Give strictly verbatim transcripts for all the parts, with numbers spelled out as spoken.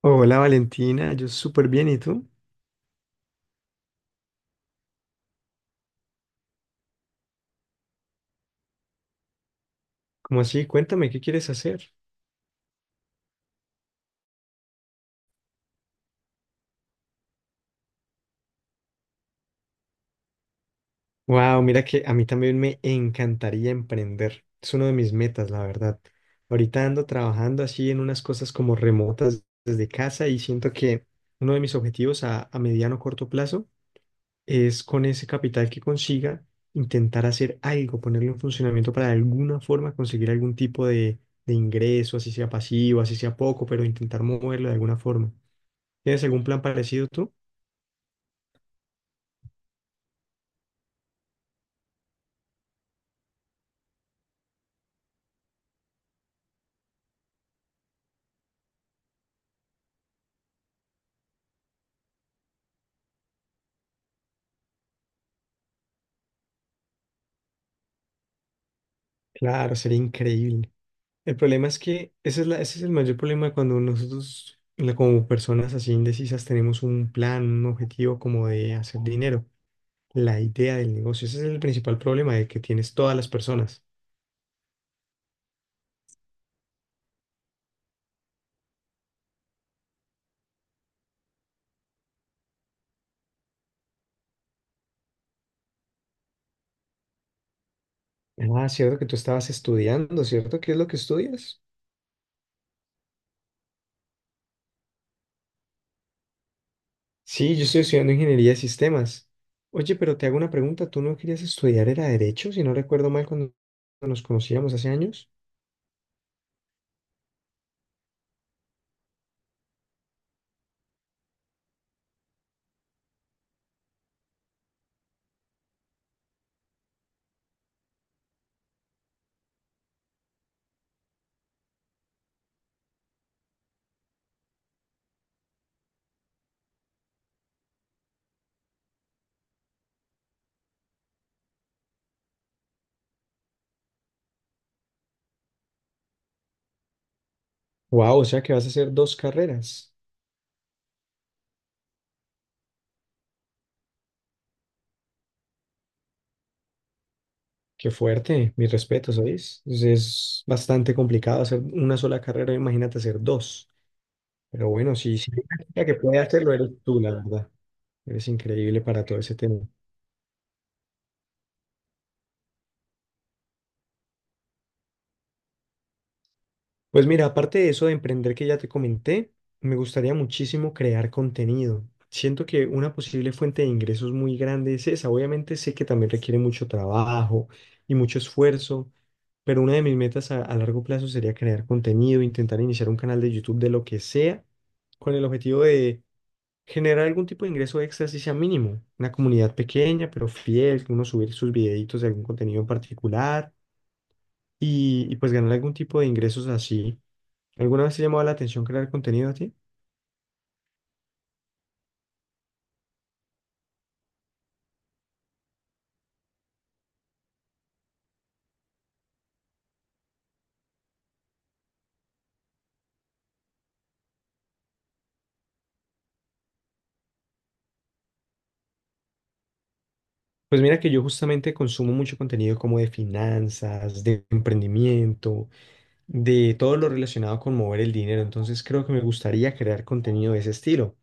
Hola Valentina, yo súper bien, ¿y tú? ¿Cómo así? Cuéntame, ¿qué quieres hacer? Wow, mira que a mí también me encantaría emprender. Es uno de mis metas, la verdad. Ahorita ando trabajando así en unas cosas como remotas desde casa y siento que uno de mis objetivos a, a mediano o corto plazo es con ese capital que consiga intentar hacer algo, ponerlo en funcionamiento para de alguna forma conseguir algún tipo de, de ingreso, así sea pasivo, así sea poco, pero intentar moverlo de alguna forma. ¿Tienes algún plan parecido tú? Claro, sería increíble. El problema es que ese es la, ese es el mayor problema cuando nosotros, la- como personas así indecisas, tenemos un plan, un objetivo como de hacer dinero, la idea del negocio. Ese es el principal problema de que tienes todas las personas. Ah, cierto que tú estabas estudiando, ¿cierto? ¿Qué es lo que estudias? Sí, yo estoy estudiando ingeniería de sistemas. Oye, pero te hago una pregunta. ¿Tú no querías estudiar, era derecho, si no recuerdo mal, cuando nos conocíamos hace años? Wow, o sea que vas a hacer dos carreras. Qué fuerte, mis respetos, ¿sabes? Es, es bastante complicado hacer una sola carrera, imagínate hacer dos. Pero bueno, sí, sí, la que puede hacerlo eres tú, la verdad. Eres increíble para todo ese tema. Pues mira, aparte de eso de emprender que ya te comenté, me gustaría muchísimo crear contenido. Siento que una posible fuente de ingresos muy grande es esa. Obviamente sé que también requiere mucho trabajo y mucho esfuerzo, pero una de mis metas a, a largo plazo sería crear contenido, intentar iniciar un canal de YouTube de lo que sea, con el objetivo de generar algún tipo de ingreso extra, si sea mínimo. Una comunidad pequeña, pero fiel, que uno subir sus videitos de algún contenido en particular y, y pues ganar algún tipo de ingresos así. ¿Alguna vez te ha llamado la atención crear contenido a ti? Pues mira que yo justamente consumo mucho contenido como de finanzas, de emprendimiento, de todo lo relacionado con mover el dinero. Entonces creo que me gustaría crear contenido de ese estilo.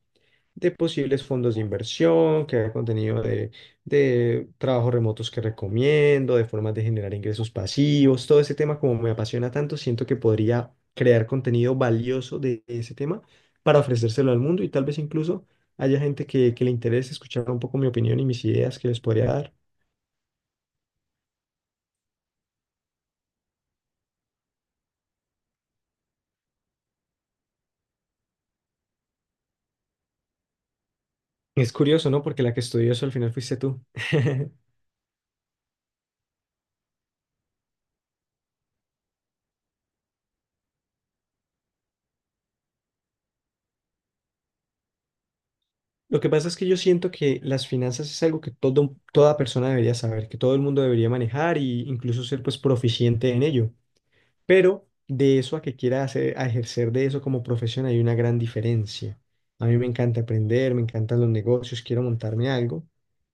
De posibles fondos de inversión, que haga contenido de, de trabajos remotos que recomiendo, de formas de generar ingresos pasivos, todo ese tema como me apasiona tanto, siento que podría crear contenido valioso de ese tema para ofrecérselo al mundo y tal vez incluso haya gente que, que le interese escuchar un poco mi opinión y mis ideas que les podría dar. Es curioso, ¿no? Porque la que estudió eso al final fuiste tú. Lo que pasa es que yo siento que las finanzas es algo que todo, toda persona debería saber, que todo el mundo debería manejar e incluso ser pues proficiente en ello. Pero de eso a que quiera hacer, a ejercer de eso como profesión hay una gran diferencia. A mí me encanta aprender, me encantan los negocios, quiero montarme algo,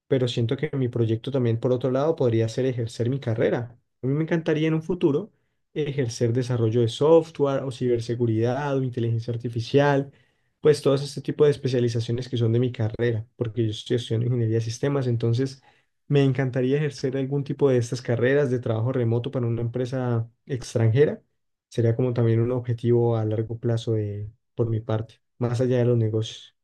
pero siento que mi proyecto también, por otro lado, podría ser ejercer mi carrera. A mí me encantaría en un futuro ejercer desarrollo de software o ciberseguridad o inteligencia artificial, pues todos este tipo de especializaciones que son de mi carrera, porque yo estoy estudiando ingeniería de sistemas, entonces me encantaría ejercer algún tipo de estas carreras de trabajo remoto para una empresa extranjera. Sería como también un objetivo a largo plazo de, por mi parte, más allá de los negocios.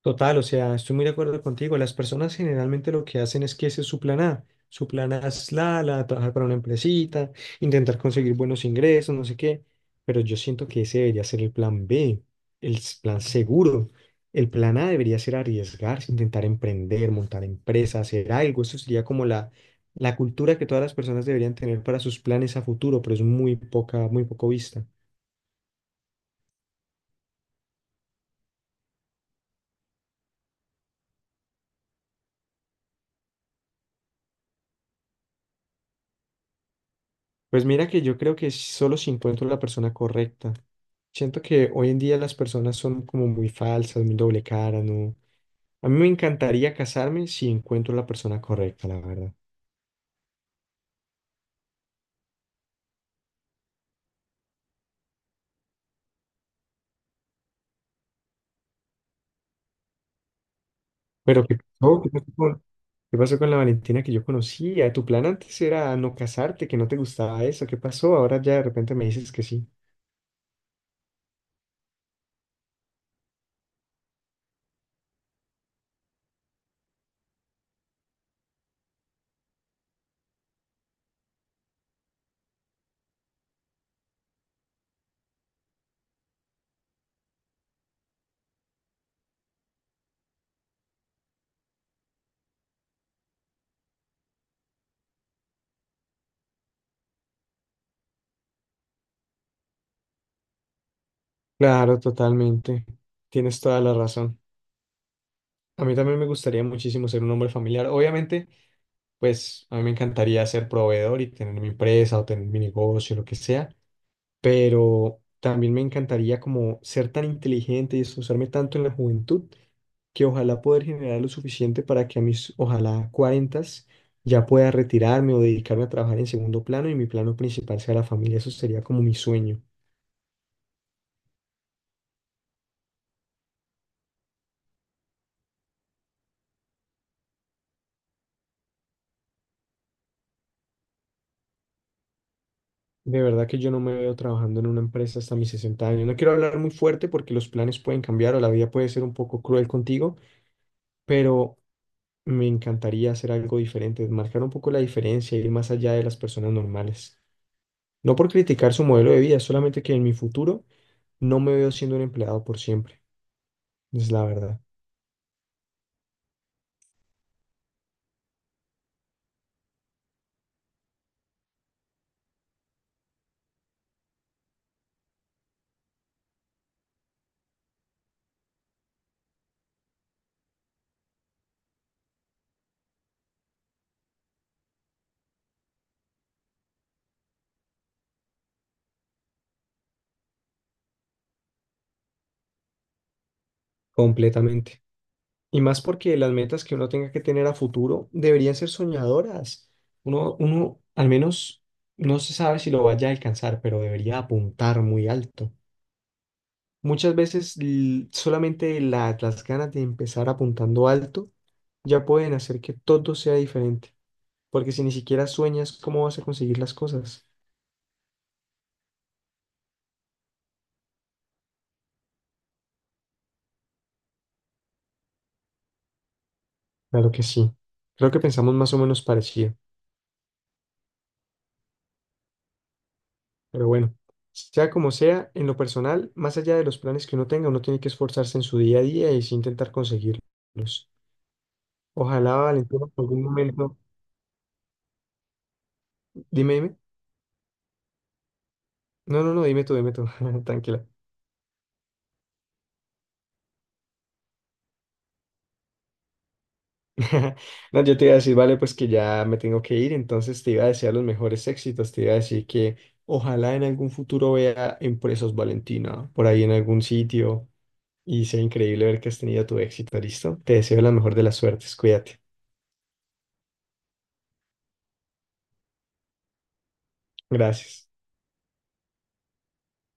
Total, o sea, estoy muy de acuerdo contigo. Las personas generalmente lo que hacen es que ese es su plan A. Su plan A es la, la, de trabajar para una empresita, intentar conseguir buenos ingresos, no sé qué. Pero yo siento que ese debería ser el plan B, el s- plan seguro. El plan A debería ser arriesgarse, intentar emprender, montar empresa, hacer algo. Eso sería como la, la cultura que todas las personas deberían tener para sus planes a futuro, pero es muy poca, muy poco vista. Pues mira que yo creo que solo si encuentro la persona correcta. Siento que hoy en día las personas son como muy falsas, muy doble cara, ¿no? A mí me encantaría casarme si encuentro la persona correcta, la verdad. Pero ¿qué pasó? ¿Qué pasó con, ¿qué pasó con la Valentina que yo conocía? Tu plan antes era no casarte, que no te gustaba eso. ¿Qué pasó? Ahora ya de repente me dices que sí. Claro, totalmente. Tienes toda la razón. A mí también me gustaría muchísimo ser un hombre familiar. Obviamente, pues a mí me encantaría ser proveedor y tener mi empresa o tener mi negocio, lo que sea, pero también me encantaría como ser tan inteligente y esforzarme tanto en la juventud que ojalá poder generar lo suficiente para que a mis, ojalá, cuarentas ya pueda retirarme o dedicarme a trabajar en segundo plano y mi plano principal sea la familia. Eso sería como mi sueño. De verdad que yo no me veo trabajando en una empresa hasta mis sesenta años. No quiero hablar muy fuerte porque los planes pueden cambiar o la vida puede ser un poco cruel contigo, pero me encantaría hacer algo diferente, marcar un poco la diferencia, ir más allá de las personas normales. No por criticar su modelo de vida, solamente que en mi futuro no me veo siendo un empleado por siempre. Es la verdad, completamente. Y más porque las metas que uno tenga que tener a futuro deberían ser soñadoras. Uno, uno al menos no se sabe si lo vaya a alcanzar, pero debería apuntar muy alto. Muchas veces l- solamente la- las ganas de empezar apuntando alto ya pueden hacer que todo sea diferente, porque si ni siquiera sueñas, ¿cómo vas a conseguir las cosas? Claro que sí. Creo que pensamos más o menos parecido. Pero bueno, sea como sea, en lo personal, más allá de los planes que uno tenga, uno tiene que esforzarse en su día a día y sí intentar conseguirlos. Ojalá, Valentina, en algún momento, dime, dime. No, no, no, dime tú, dime tú, tranquila. No, yo te iba a decir, vale, pues que ya me tengo que ir, entonces te iba a desear los mejores éxitos, te iba a decir que ojalá en algún futuro vea Empresas Valentina por ahí en algún sitio y sea increíble ver que has tenido tu éxito, ¿listo? Te deseo la mejor de las suertes, cuídate. Gracias.